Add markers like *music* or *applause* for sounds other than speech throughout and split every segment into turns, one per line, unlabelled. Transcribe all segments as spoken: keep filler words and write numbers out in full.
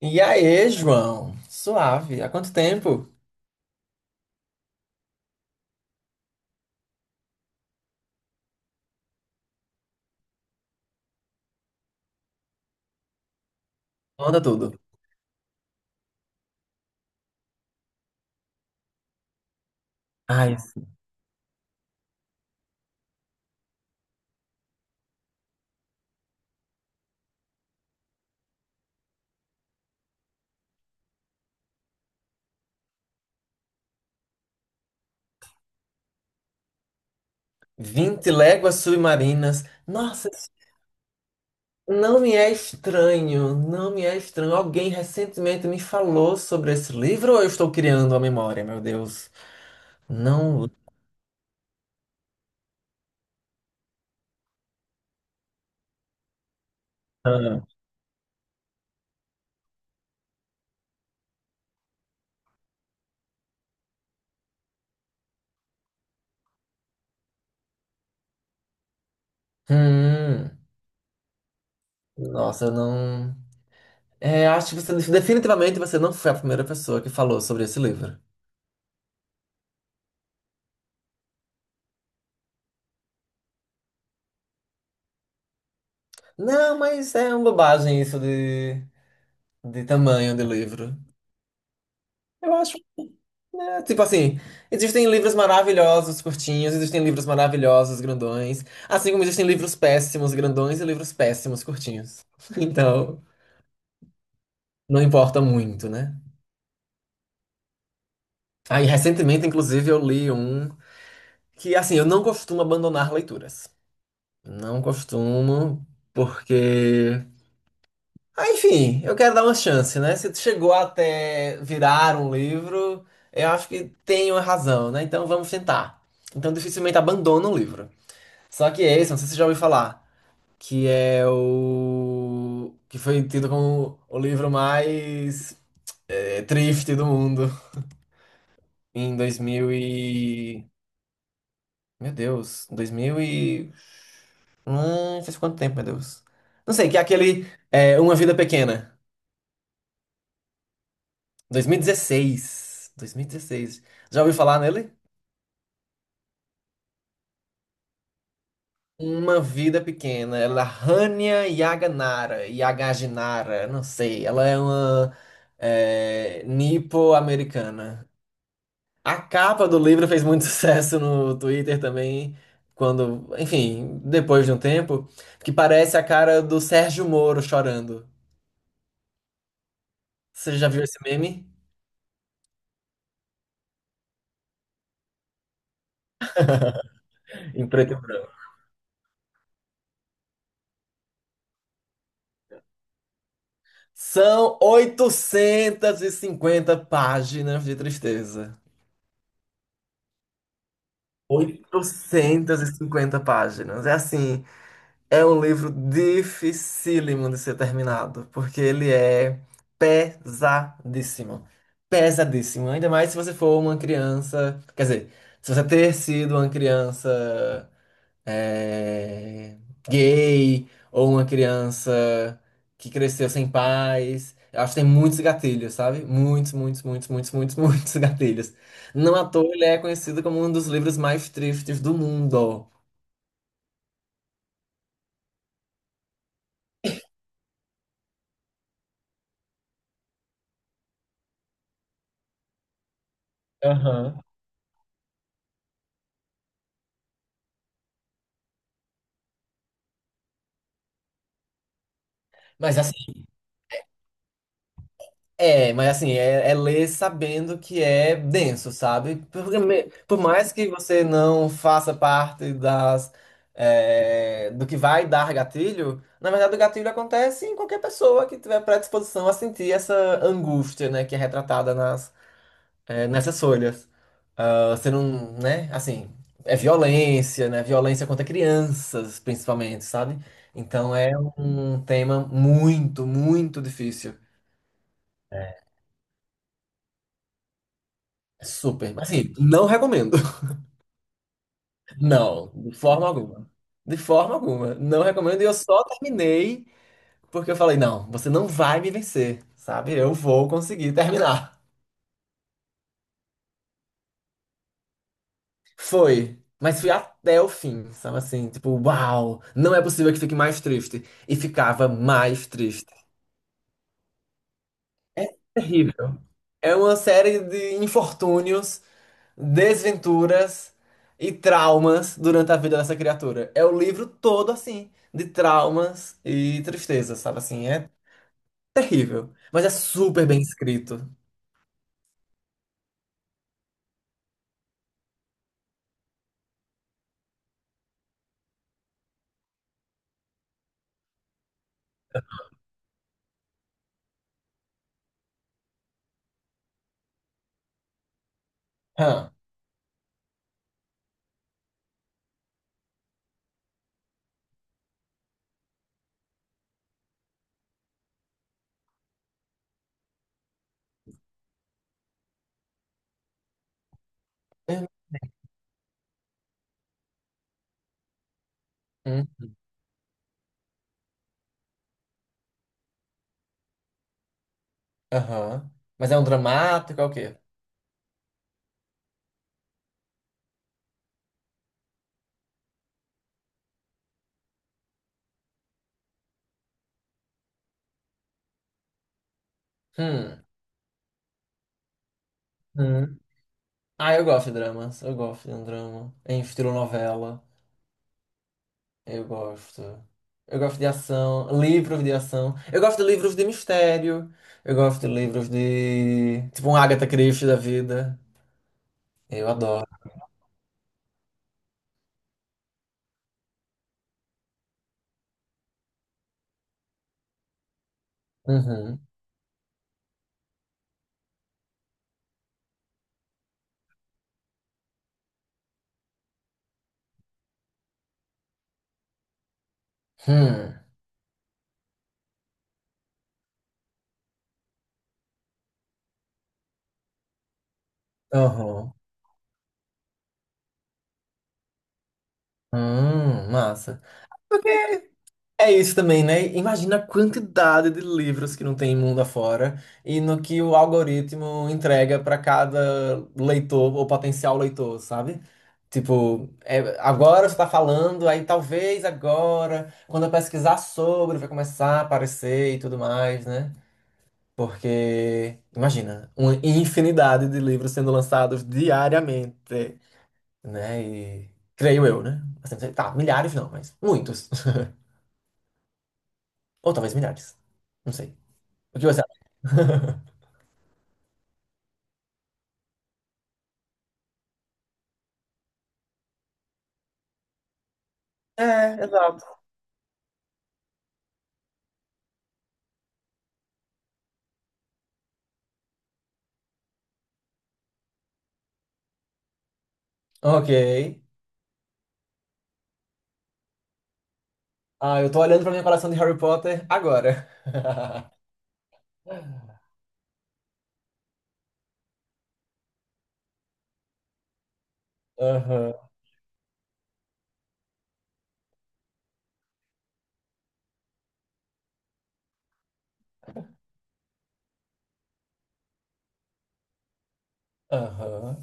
E aí, João? Suave. Há quanto tempo? Manda tudo. Ai, vinte léguas submarinas. Nossa, isso não me é estranho. Não me é estranho. Alguém recentemente me falou sobre esse livro ou eu estou criando a memória, meu Deus? Não. Ah. Hum. Nossa, eu não. É, acho que você definitivamente você não foi a primeira pessoa que falou sobre esse livro. Não, mas é uma bobagem isso de, de tamanho de livro. Eu acho. É, tipo assim, existem livros maravilhosos, curtinhos, existem livros maravilhosos, grandões, assim como existem livros péssimos, grandões e livros péssimos, curtinhos. *laughs* Então, não importa muito, né? Aí, recentemente, inclusive, eu li um que, assim, eu não costumo abandonar leituras. Não costumo, porque. Ah, enfim, eu quero dar uma chance, né? Se chegou até virar um livro, eu acho que tem uma razão, né? Então, vamos tentar. Então, dificilmente abandono o livro. Só que é esse, não sei se você já ouviu falar, que é o. Que foi tido como o livro mais eh, triste do mundo em dois mil e. Meu Deus, dois mil e. Hum, faz quanto tempo, meu Deus? Não sei, que é aquele é Uma Vida Pequena, dois mil e dezesseis. dois mil e dezesseis. Já ouviu falar nele? Uma Vida Pequena, ela é da Hania Yaganara, Yagaginara, não sei, ela é uma é, nipo-americana. A capa do livro fez muito *laughs* sucesso no Twitter também, quando, enfim, depois de um tempo, que parece a cara do Sérgio Moro chorando. Você já viu esse meme? Em preto e branco. São oitocentas e cinquenta páginas de tristeza. Oitocentas e cinquenta páginas. É assim. É um livro dificílimo de ser terminado, porque ele é pesadíssimo. Pesadíssimo. Ainda mais se você for uma criança. Quer dizer, se você ter sido uma criança eh, gay ou uma criança que cresceu sem pais. Eu acho que tem muitos gatilhos, sabe? Muitos, muitos, muitos, muitos, muitos, *laughs* muitos gatilhos. Não à toa ele é conhecido como um dos livros mais tristes do mundo. Aham. Mas assim. É, mas assim, é, é ler sabendo que é denso, sabe? Porque me- por mais que você não faça parte das, é, do que vai dar gatilho, na verdade o gatilho acontece em qualquer pessoa que tiver predisposição a sentir essa angústia, né, que é retratada nas, é, nessas folhas. Ah, você não, né, assim, é violência, né, violência contra crianças, principalmente, sabe? Então é um tema muito, muito difícil. É super. Mas, assim, não recomendo. Não, de forma alguma. De forma alguma. Não recomendo. E eu só terminei porque eu falei, não, você não vai me vencer, sabe? Eu vou conseguir terminar. Foi. Mas fui até o fim, sabe assim? Tipo, uau, não é possível que fique mais triste. E ficava mais triste. É terrível. É uma série de infortúnios, desventuras e traumas durante a vida dessa criatura. É o livro todo assim, de traumas e tristeza, sabe assim? É terrível, mas é super bem escrito. Hã. Hum, hum. Aham. Mas é um dramático, é o quê? Hum. Hum. Ah, eu gosto de dramas. Eu gosto de um drama em estilo novela. Eu gosto. Eu gosto de ação, livros de ação. Eu gosto de livros de mistério. Eu gosto de livros de. Tipo um Agatha Christie da vida. Eu adoro. Uhum. Hum. Uhum. Hum, massa. É isso também, né? Imagina a quantidade de livros que não tem mundo afora e no que o algoritmo entrega para cada leitor ou potencial leitor, sabe? Tipo, é, agora você está falando, aí talvez agora, quando eu pesquisar sobre, vai começar a aparecer e tudo mais, né? Porque, imagina, uma infinidade de livros sendo lançados diariamente, né? E creio eu, né? Assim, tá, milhares não, mas muitos. *laughs* Ou talvez milhares. Não sei. O que você acha? *laughs* É, exato. Ok. Ah, eu tô olhando pra minha coleção de Harry Potter agora. *laughs* Aham, aham.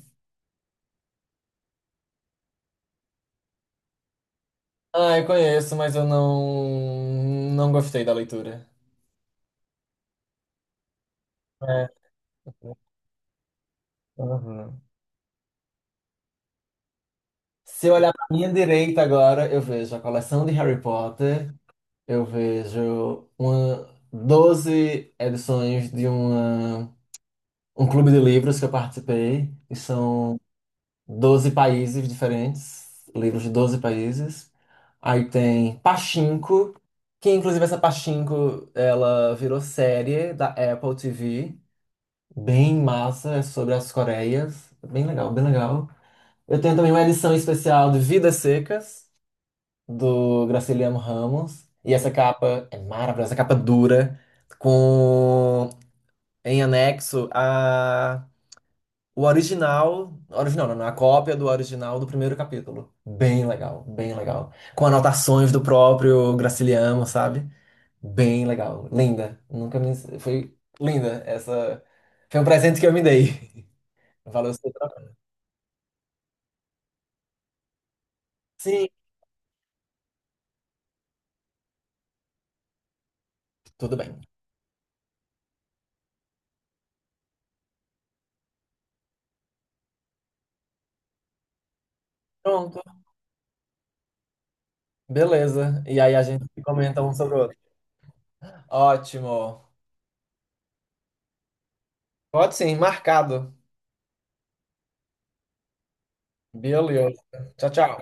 Ah, eu conheço, mas eu não, não gostei da leitura. É, aham. Se eu olhar pra minha direita agora, eu vejo a coleção de Harry Potter, eu vejo uma, doze edições de uma, um clube de livros que eu participei, e são doze países diferentes, livros de doze países. Aí tem Pachinko, que inclusive essa Pachinko, ela virou série da Apple T V, bem massa, é sobre as Coreias, bem legal, bem legal. Eu tenho também uma edição especial de Vidas Secas, do Graciliano Ramos, e essa capa é maravilhosa, essa capa dura, com em anexo o original, original, não, não, a cópia do original do primeiro capítulo. Bem legal, bem legal. Com anotações do próprio Graciliano, sabe? Bem legal, linda. Nunca me foi linda essa. Foi um presente que eu me dei. *laughs* Valeu o seu trabalho. Sim, tudo bem. Pronto, beleza. E aí a gente comenta um sobre o outro. Ótimo. Pode sim, marcado. Beleza. Tchau, tchau.